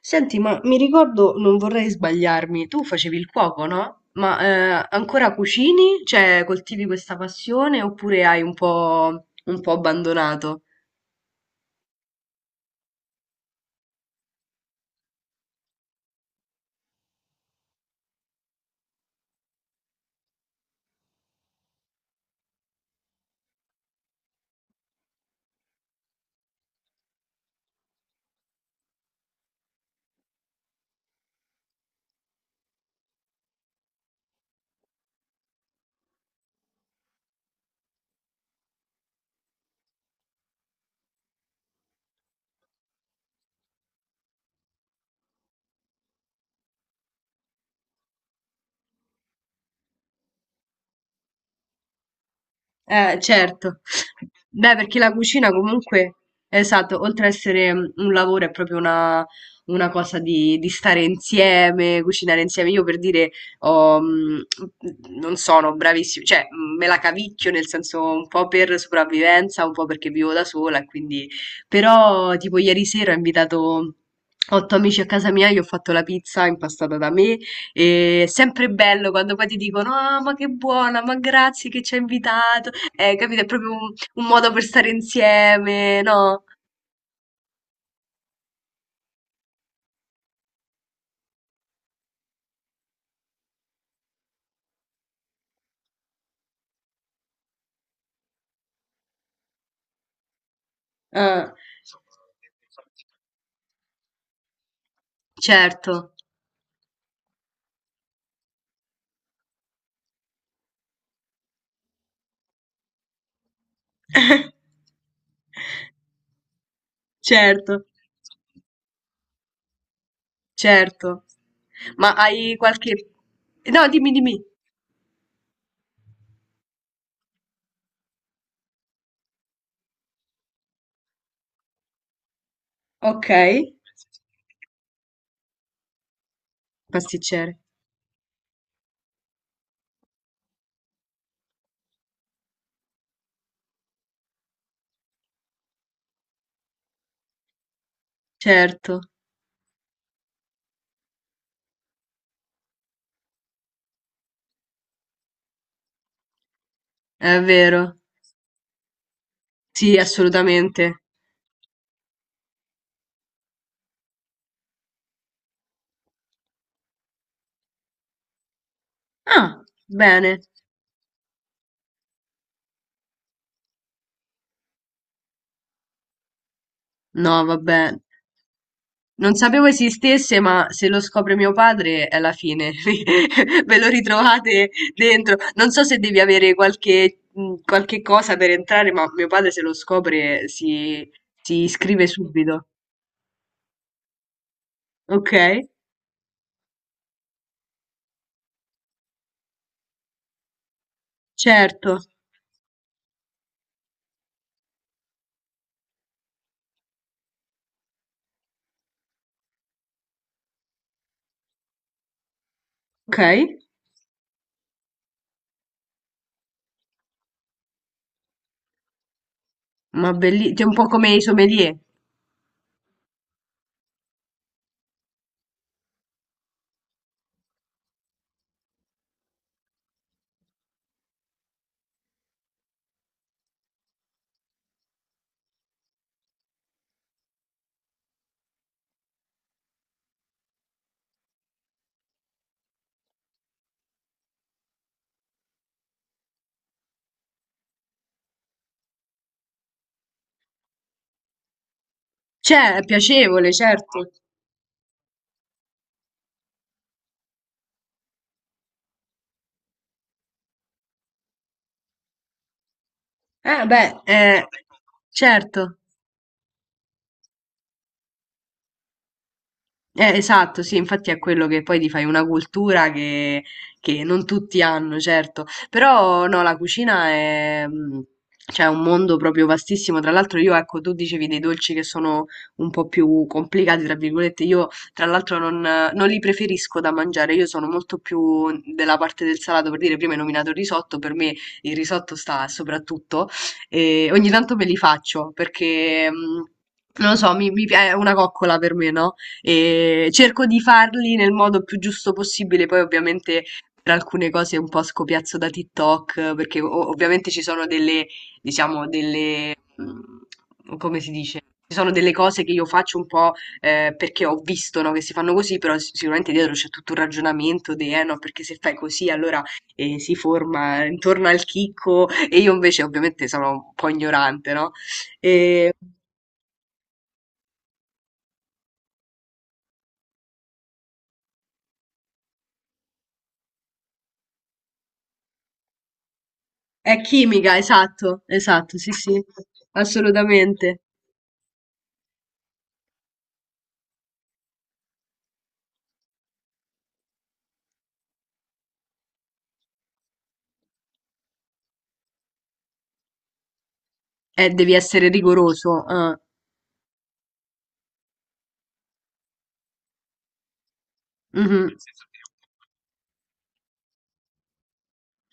Senti, ma mi ricordo, non vorrei sbagliarmi, tu facevi il cuoco, no? Ma ancora cucini? Cioè, coltivi questa passione oppure hai un po' abbandonato? Certo. Beh, perché la cucina comunque, esatto, oltre a essere un lavoro, è proprio una cosa di stare insieme, cucinare insieme. Io per dire, ho, mm, non sono bravissima, cioè me la cavicchio nel senso un po' per sopravvivenza, un po' perché vivo da sola, e quindi. Però tipo ieri sera ho invitato otto amici a casa mia, gli ho fatto la pizza impastata da me, e è sempre bello quando poi ti dicono: Ah, ma che buona, ma grazie che ci hai invitato. Capito? È proprio un modo per stare insieme, no? Ah, certo, certo, certo. Ma hai qualche. No, dimmi, dimmi. Ok. Pasticcere. Certo, è vero. Sì, assolutamente. Ah, bene. No, vabbè. Non sapevo esistesse, ma se lo scopre mio padre è la fine. Ve lo ritrovate dentro. Non so se devi avere qualche cosa per entrare, ma mio padre se lo scopre si iscrive subito. Ok? Certo. Ok? Ma bellissimo, un po' come i sommelier. Cioè, è piacevole, certo. Beh, certo. Esatto, sì, infatti è quello che poi ti fai una cultura che non tutti hanno, certo, però no, la cucina è, cioè, un mondo proprio vastissimo, tra l'altro io, ecco, tu dicevi dei dolci che sono un po' più complicati, tra virgolette, io tra l'altro non li preferisco da mangiare, io sono molto più della parte del salato, per dire, prima hai nominato il risotto, per me il risotto sta soprattutto, e ogni tanto me li faccio perché. Non lo so, è una coccola per me, no? E cerco di farli nel modo più giusto possibile. Poi ovviamente per alcune cose un po' scopiazzo da TikTok, perché ovviamente ci sono diciamo, come si dice? Ci sono delle cose che io faccio un po' perché ho visto, no, che si fanno così, però sicuramente dietro c'è tutto un ragionamento di, eh no, perché se fai così allora si forma intorno al chicco e io invece ovviamente sono un po' ignorante, no? E È chimica, esatto, esatto, sì, sì, assolutamente. Devi essere rigoroso. Ah, mhm.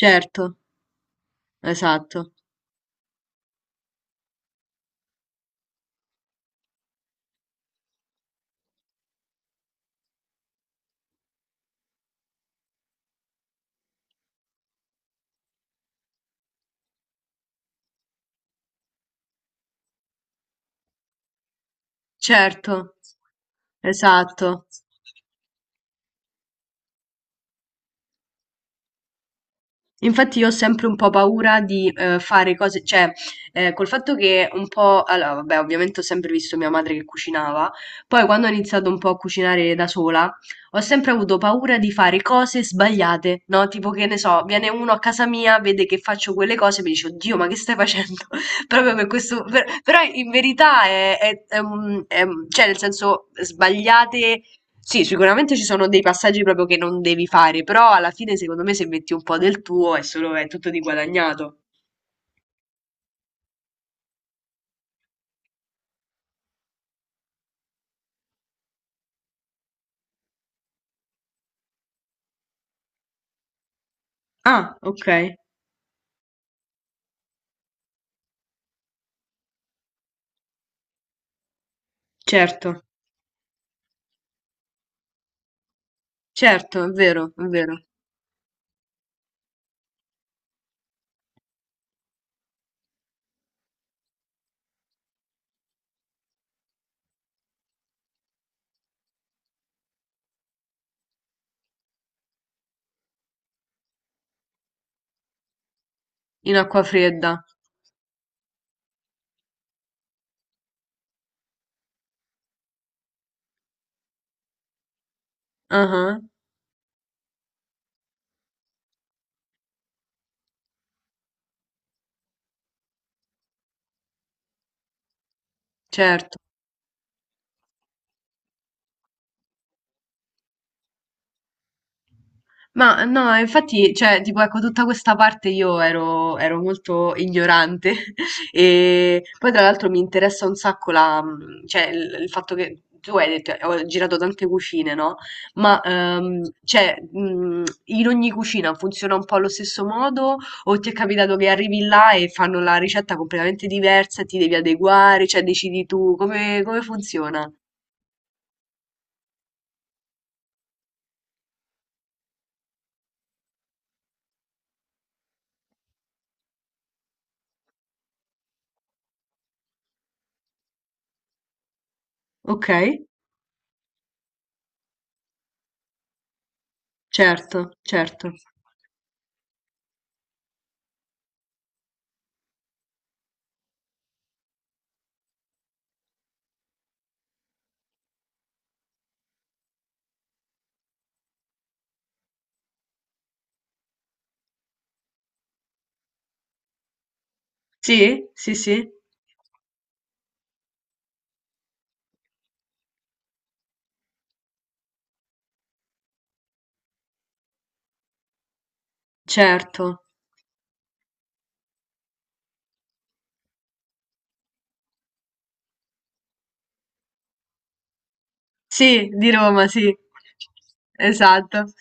Certo, esatto, certo, esatto. Infatti io ho sempre un po' paura di fare cose, cioè col fatto che un po', allora vabbè ovviamente ho sempre visto mia madre che cucinava, poi quando ho iniziato un po' a cucinare da sola ho sempre avuto paura di fare cose sbagliate, no? Tipo che ne so, viene uno a casa mia, vede che faccio quelle cose e mi dice oddio ma che stai facendo? Proprio per questo, però in verità cioè nel senso sbagliate sì, sicuramente ci sono dei passaggi proprio che non devi fare, però alla fine secondo me se metti un po' del tuo è solo, è tutto di guadagnato. Ah, ok, certo, certo, è vero, è vero. In acqua fredda. Ah, ah, certo. Ma no, infatti, cioè, tipo, ecco, tutta questa parte io ero molto ignorante e poi tra l'altro mi interessa un sacco cioè, il fatto che tu hai detto, ho girato tante cucine, no? Ma, cioè, in ogni cucina funziona un po' allo stesso modo o ti è capitato che arrivi là e fanno la ricetta completamente diversa e ti devi adeguare, cioè, decidi tu come funziona? Ok, certo, certo. Sì, sì, sì. Certo. Sì, di Roma, sì. Esatto.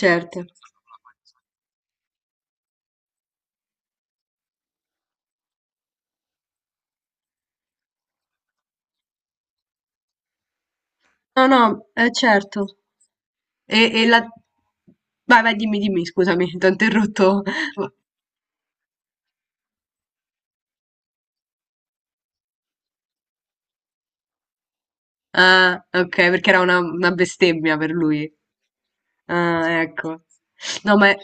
Certo. No, no, certo. E, e la... Vai, vai, dimmi, dimmi, scusami, ti ho interrotto. Ah, ok, perché era una bestemmia per lui. Ah, ecco. No,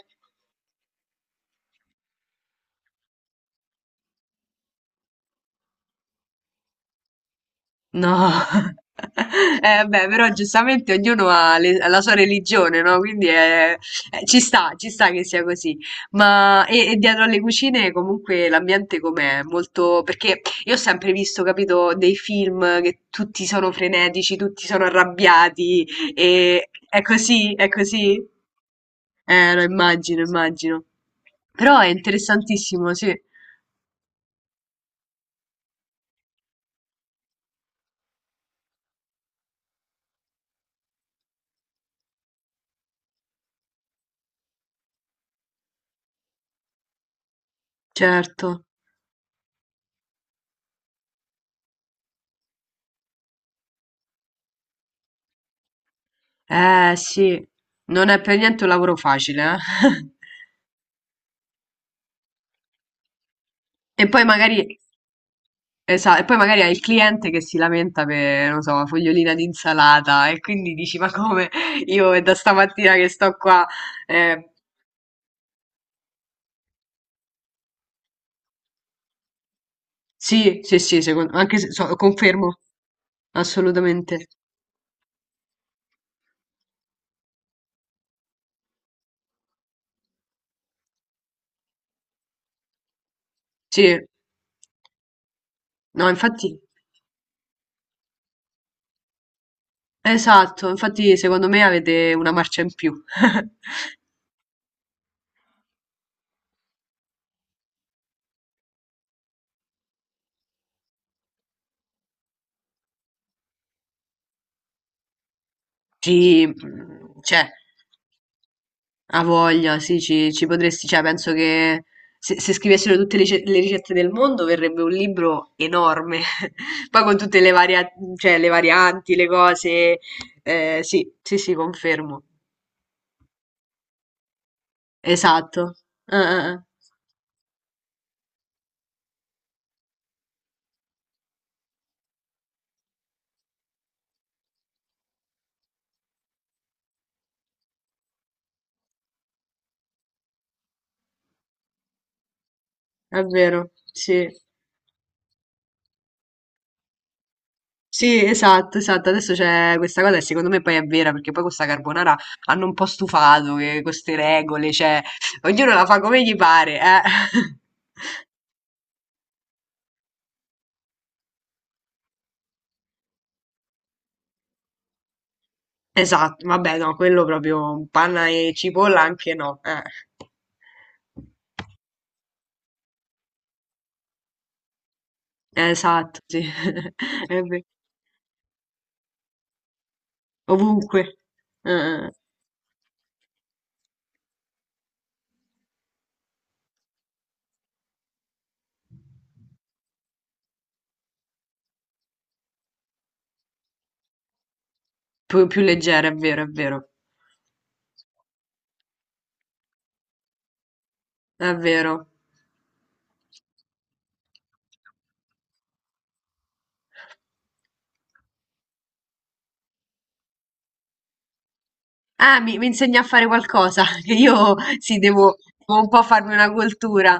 No, beh, però giustamente ognuno ha la sua religione, no? Quindi ci sta che sia così. Ma dietro alle cucine comunque l'ambiente com'è? Molto. Perché io ho sempre visto, capito, dei film che tutti sono frenetici, tutti sono arrabbiati e è così, è così? Lo immagino, immagino. Però è interessantissimo, sì, certo. Sì, non è per niente un lavoro facile, eh. E poi magari, hai il cliente che si lamenta per, non so, una fogliolina di insalata e quindi dici, ma come? Io è da stamattina che sto qua. Eh, sì, sì, sì, anche se, confermo, assolutamente. Sì, no, infatti, esatto, infatti secondo me avete una marcia in più. Sì, c'è. Ha voglia, sì, ci potresti, cioè penso che se scrivessero tutte le ricette del mondo verrebbe un libro enorme, poi con tutte cioè, le varianti, le cose, sì, sì, sì, confermo, esatto. Eh. È vero, sì, sì, esatto, esatto, adesso c'è questa cosa e secondo me poi è vera, perché poi questa carbonara hanno un po' stufato che queste regole, cioè, ognuno la fa come gli pare, eh. Esatto, vabbè, no, quello proprio panna e cipolla anche no. Esatto, sì. È ve- Ovunque. Eh, eh. Più leggera, è vero, è vero, è vero. Ah, mi insegna a fare qualcosa, che io sì, devo un po' farmi una cultura.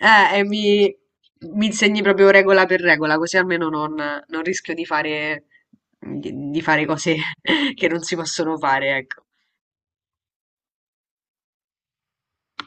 E mi insegni proprio regola per regola, così almeno non rischio di fare cose che non si possono fare, ecco.